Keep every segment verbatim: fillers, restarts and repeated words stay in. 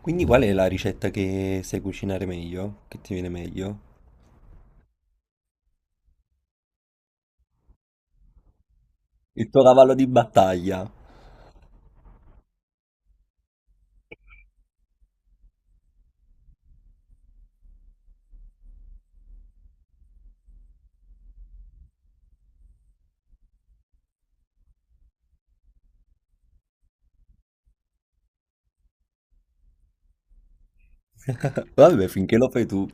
Quindi qual è la ricetta che sai cucinare meglio? Che ti viene meglio? Il tuo cavallo di battaglia. Vabbè, finché lo fai tu.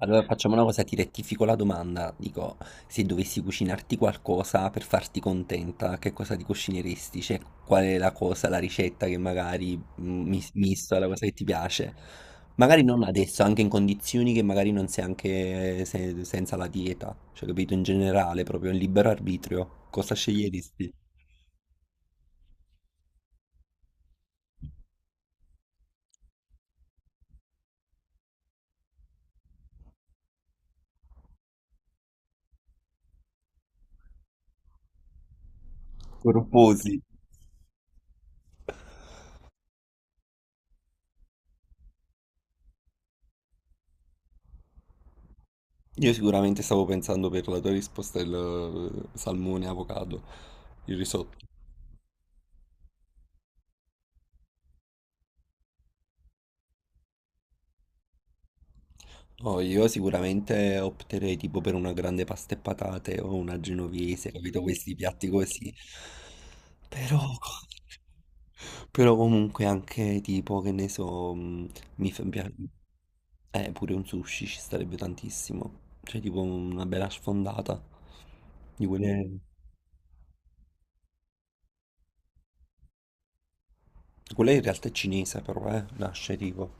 Allora facciamo una cosa, ti rettifico la domanda. Dico, se dovessi cucinarti qualcosa per farti contenta, che cosa ti cucineresti? Cioè, qual è la cosa, la ricetta che magari mm, mis- misto alla cosa che ti piace? Magari non adesso, anche in condizioni che magari non sei anche eh, se- senza la dieta. Cioè, capito, in generale, proprio in libero arbitrio. Cosa sceglieresti? Corposi. Io sicuramente stavo pensando per la tua risposta il eh, salmone, avocado, il risotto. No, io sicuramente opterei tipo per una grande pasta e patate o una genovese, capito? Questi piatti così. Però, però comunque anche tipo, che ne so, mm, mi fa piace. Eh, pure un sushi ci starebbe tantissimo. Cioè tipo una bella sfondata. Di quelle... Quella in realtà è cinese però, eh, nasce tipo.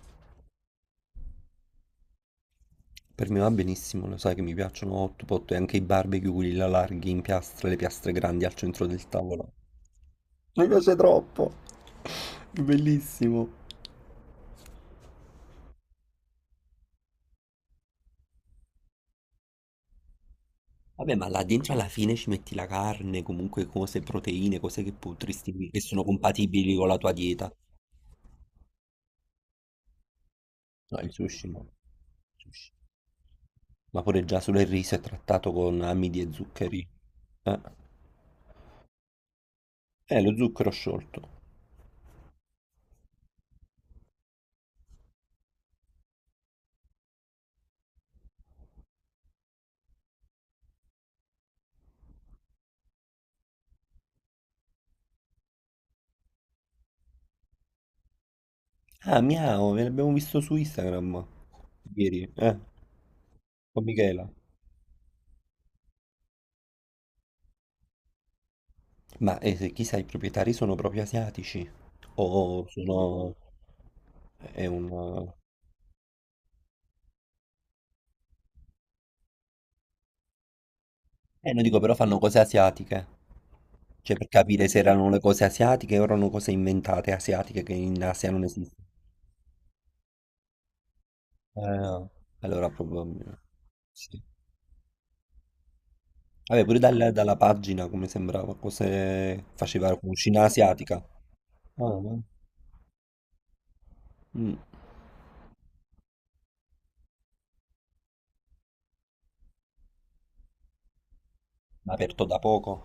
Per me va benissimo, lo sai che mi piacciono hot pot e anche i barbecue, quelli là larghi in piastre, le piastre grandi al centro del tavolo. Mi piace troppo. È bellissimo. Vabbè, ma là dentro alla fine ci metti la carne, comunque cose, proteine, cose che potresti, che sono compatibili con la tua dieta. No, il sushi no. Sushi. Ma pure già solo il riso è trattato con amidi e zuccheri. Eh, Eh, lo zucchero sciolto. Ah, Miao, ve l'abbiamo visto su Instagram ieri, eh, con Michela. Ma eh, se- chissà, i proprietari sono proprio asiatici o sono... È un... Eh, non dico, però fanno cose asiatiche. Cioè, per capire se erano le cose asiatiche o erano cose inventate asiatiche che in Asia non esistono. Eh, no. Allora probabilmente... Sì. Vabbè, pure dal- dalla pagina, come sembrava, cose... faceva cucina asiatica. Ah, no? Mm. Aperto da poco?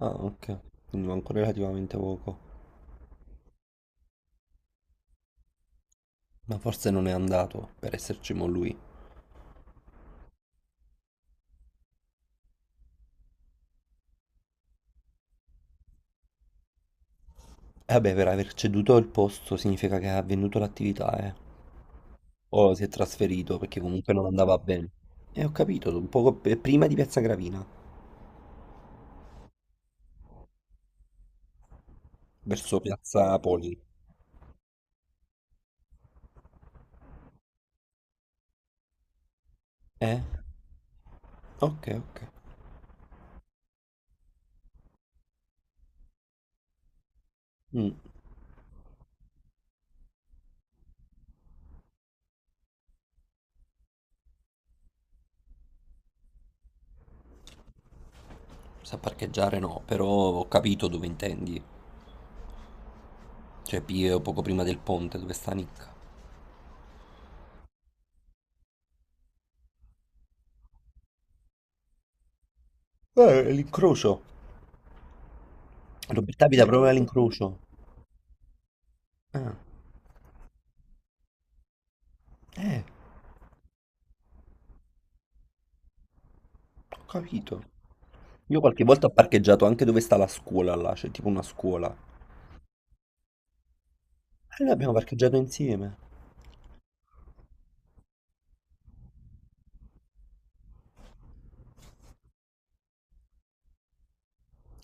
Ah, ok. Quindi manco relativamente poco. Ma forse non è andato per esserci mo lui. E vabbè, per aver ceduto il posto significa che ha venduto l'attività, eh. O si è trasferito perché comunque non andava bene. E ho capito, un poco pe- prima di Piazza Gravina, verso Piazza Poli. Eh? Ok, ok. Mm, sa parcheggiare no, però ho capito dove intendi. Cioè, Pio, poco prima del ponte, dove sta Nick. Eh, l'incrocio. Roberta abita sì, proprio proprio all'incrocio. Ah, eh. Ho capito. Io qualche volta ho parcheggiato anche dove sta la scuola là, c'è tipo una scuola. E noi abbiamo parcheggiato insieme.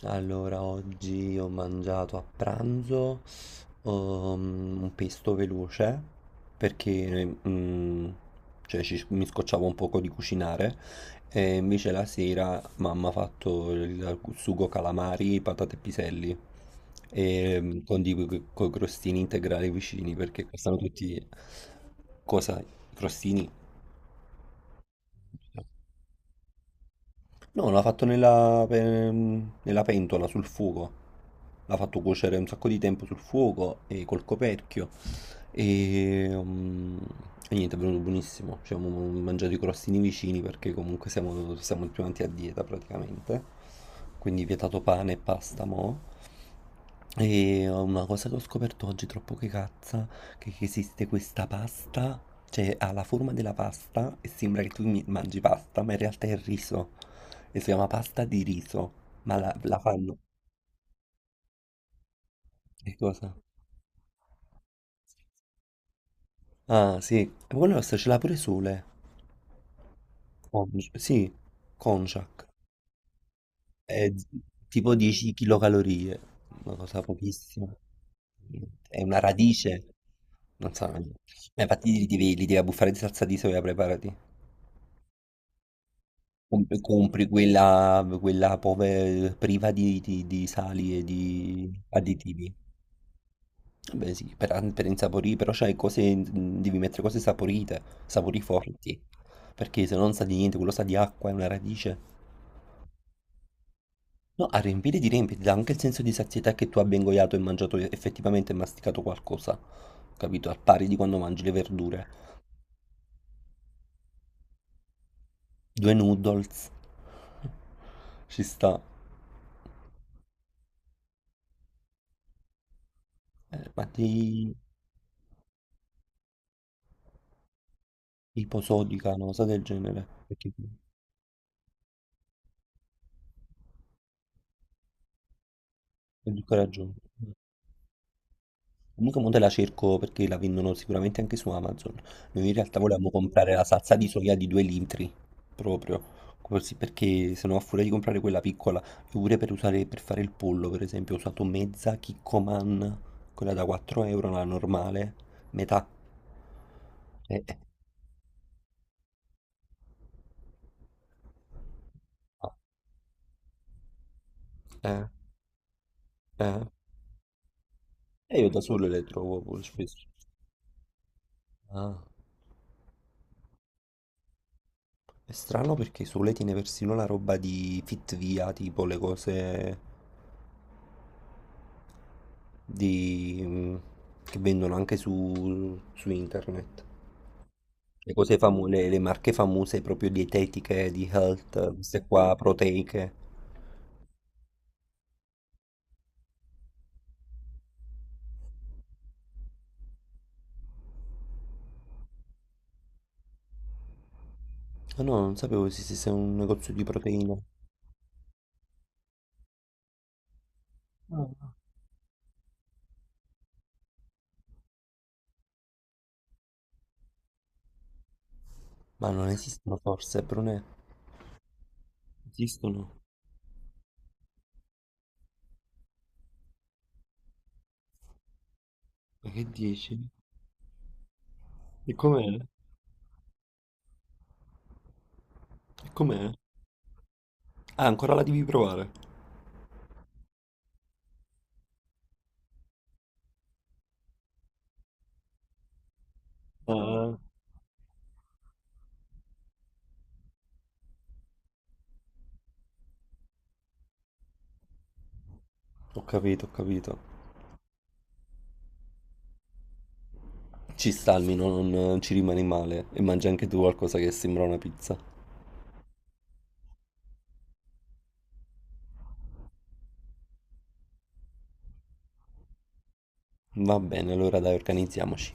Allora, oggi ho mangiato a pranzo um, un pesto veloce perché mm, cioè, ci- mi scocciavo un poco di cucinare e invece la sera mamma ha fatto il sugo calamari, patate e piselli e, mm, con i crostini integrali vicini perché costano tutti cosa? I crostini? No, l'ha fatto nella, pe- nella pentola sul fuoco. L'ha fatto cuocere un sacco di tempo sul fuoco e col coperchio. Ehm, e niente, è venuto buonissimo. Ci siamo mangiati i crostini vicini perché comunque siamo, siamo più avanti a dieta praticamente. Quindi vietato pane e pasta mo'. E uh, una cosa che ho scoperto oggi troppo che cazza, che che esiste questa pasta, cioè ha la forma della pasta e sembra che tu mi- mangi pasta, ma in realtà è riso. E si chiama pasta di riso. Ma la, la fanno. Che cosa? Ah, sì. E poi la nostra ce l'ha pure Sole. Con- sì, Conciac, è z- tipo dieci kilocalorie, una cosa pochissima. È una radice, non so. Ma infatti li devi, li devi abbuffare di salsa di soia, preparati. Com- Compri quella, quella pove- priva di, di- di sali e di additivi. Vabbè sì, per, per insaporire, però c'hai cose, devi mettere cose saporite, sapori forti, perché se non sa di niente, quello sa di acqua, è una radice. No, a riempire di riempire, dà anche il senso di sazietà che tu abbia ingoiato e mangiato effettivamente e masticato qualcosa, capito? Al pari di quando mangi le verdure. Due noodles, ci sta. Eh, ma di iposodica, una cosa del genere, perché è di coraggio. Comunque mo te la cerco perché la vendono sicuramente anche su Amazon. Noi in realtà volevamo comprare la salsa di soia di due litri, proprio, così perché se no a furia di comprare quella piccola, io pure per usare, per fare il pollo per esempio ho usato mezza Kikkoman, quella da quattro euro, la normale, metà. Eh, eh, no. Eh, eh. E io da sole le trovo poi spesso. Ah, è strano perché Sole tiene persino la roba di Fitvia, tipo le cose di, mh, che vendono anche su, su internet. Le cose famose, le, le marche famose proprio dietetiche, di health, queste qua proteiche. Ah no, non sapevo esistesse un negozio di proteine. Ah. Ma non esistono forse, Brunè? Esistono. Ma che dici? E com'è? E com'è? Ah, ancora la devi provare. Ah. Ho capito, ho capito. Ci sta almeno, non ci rimani male. E mangi anche tu qualcosa che sembra una pizza. Va bene, allora dai, organizziamoci.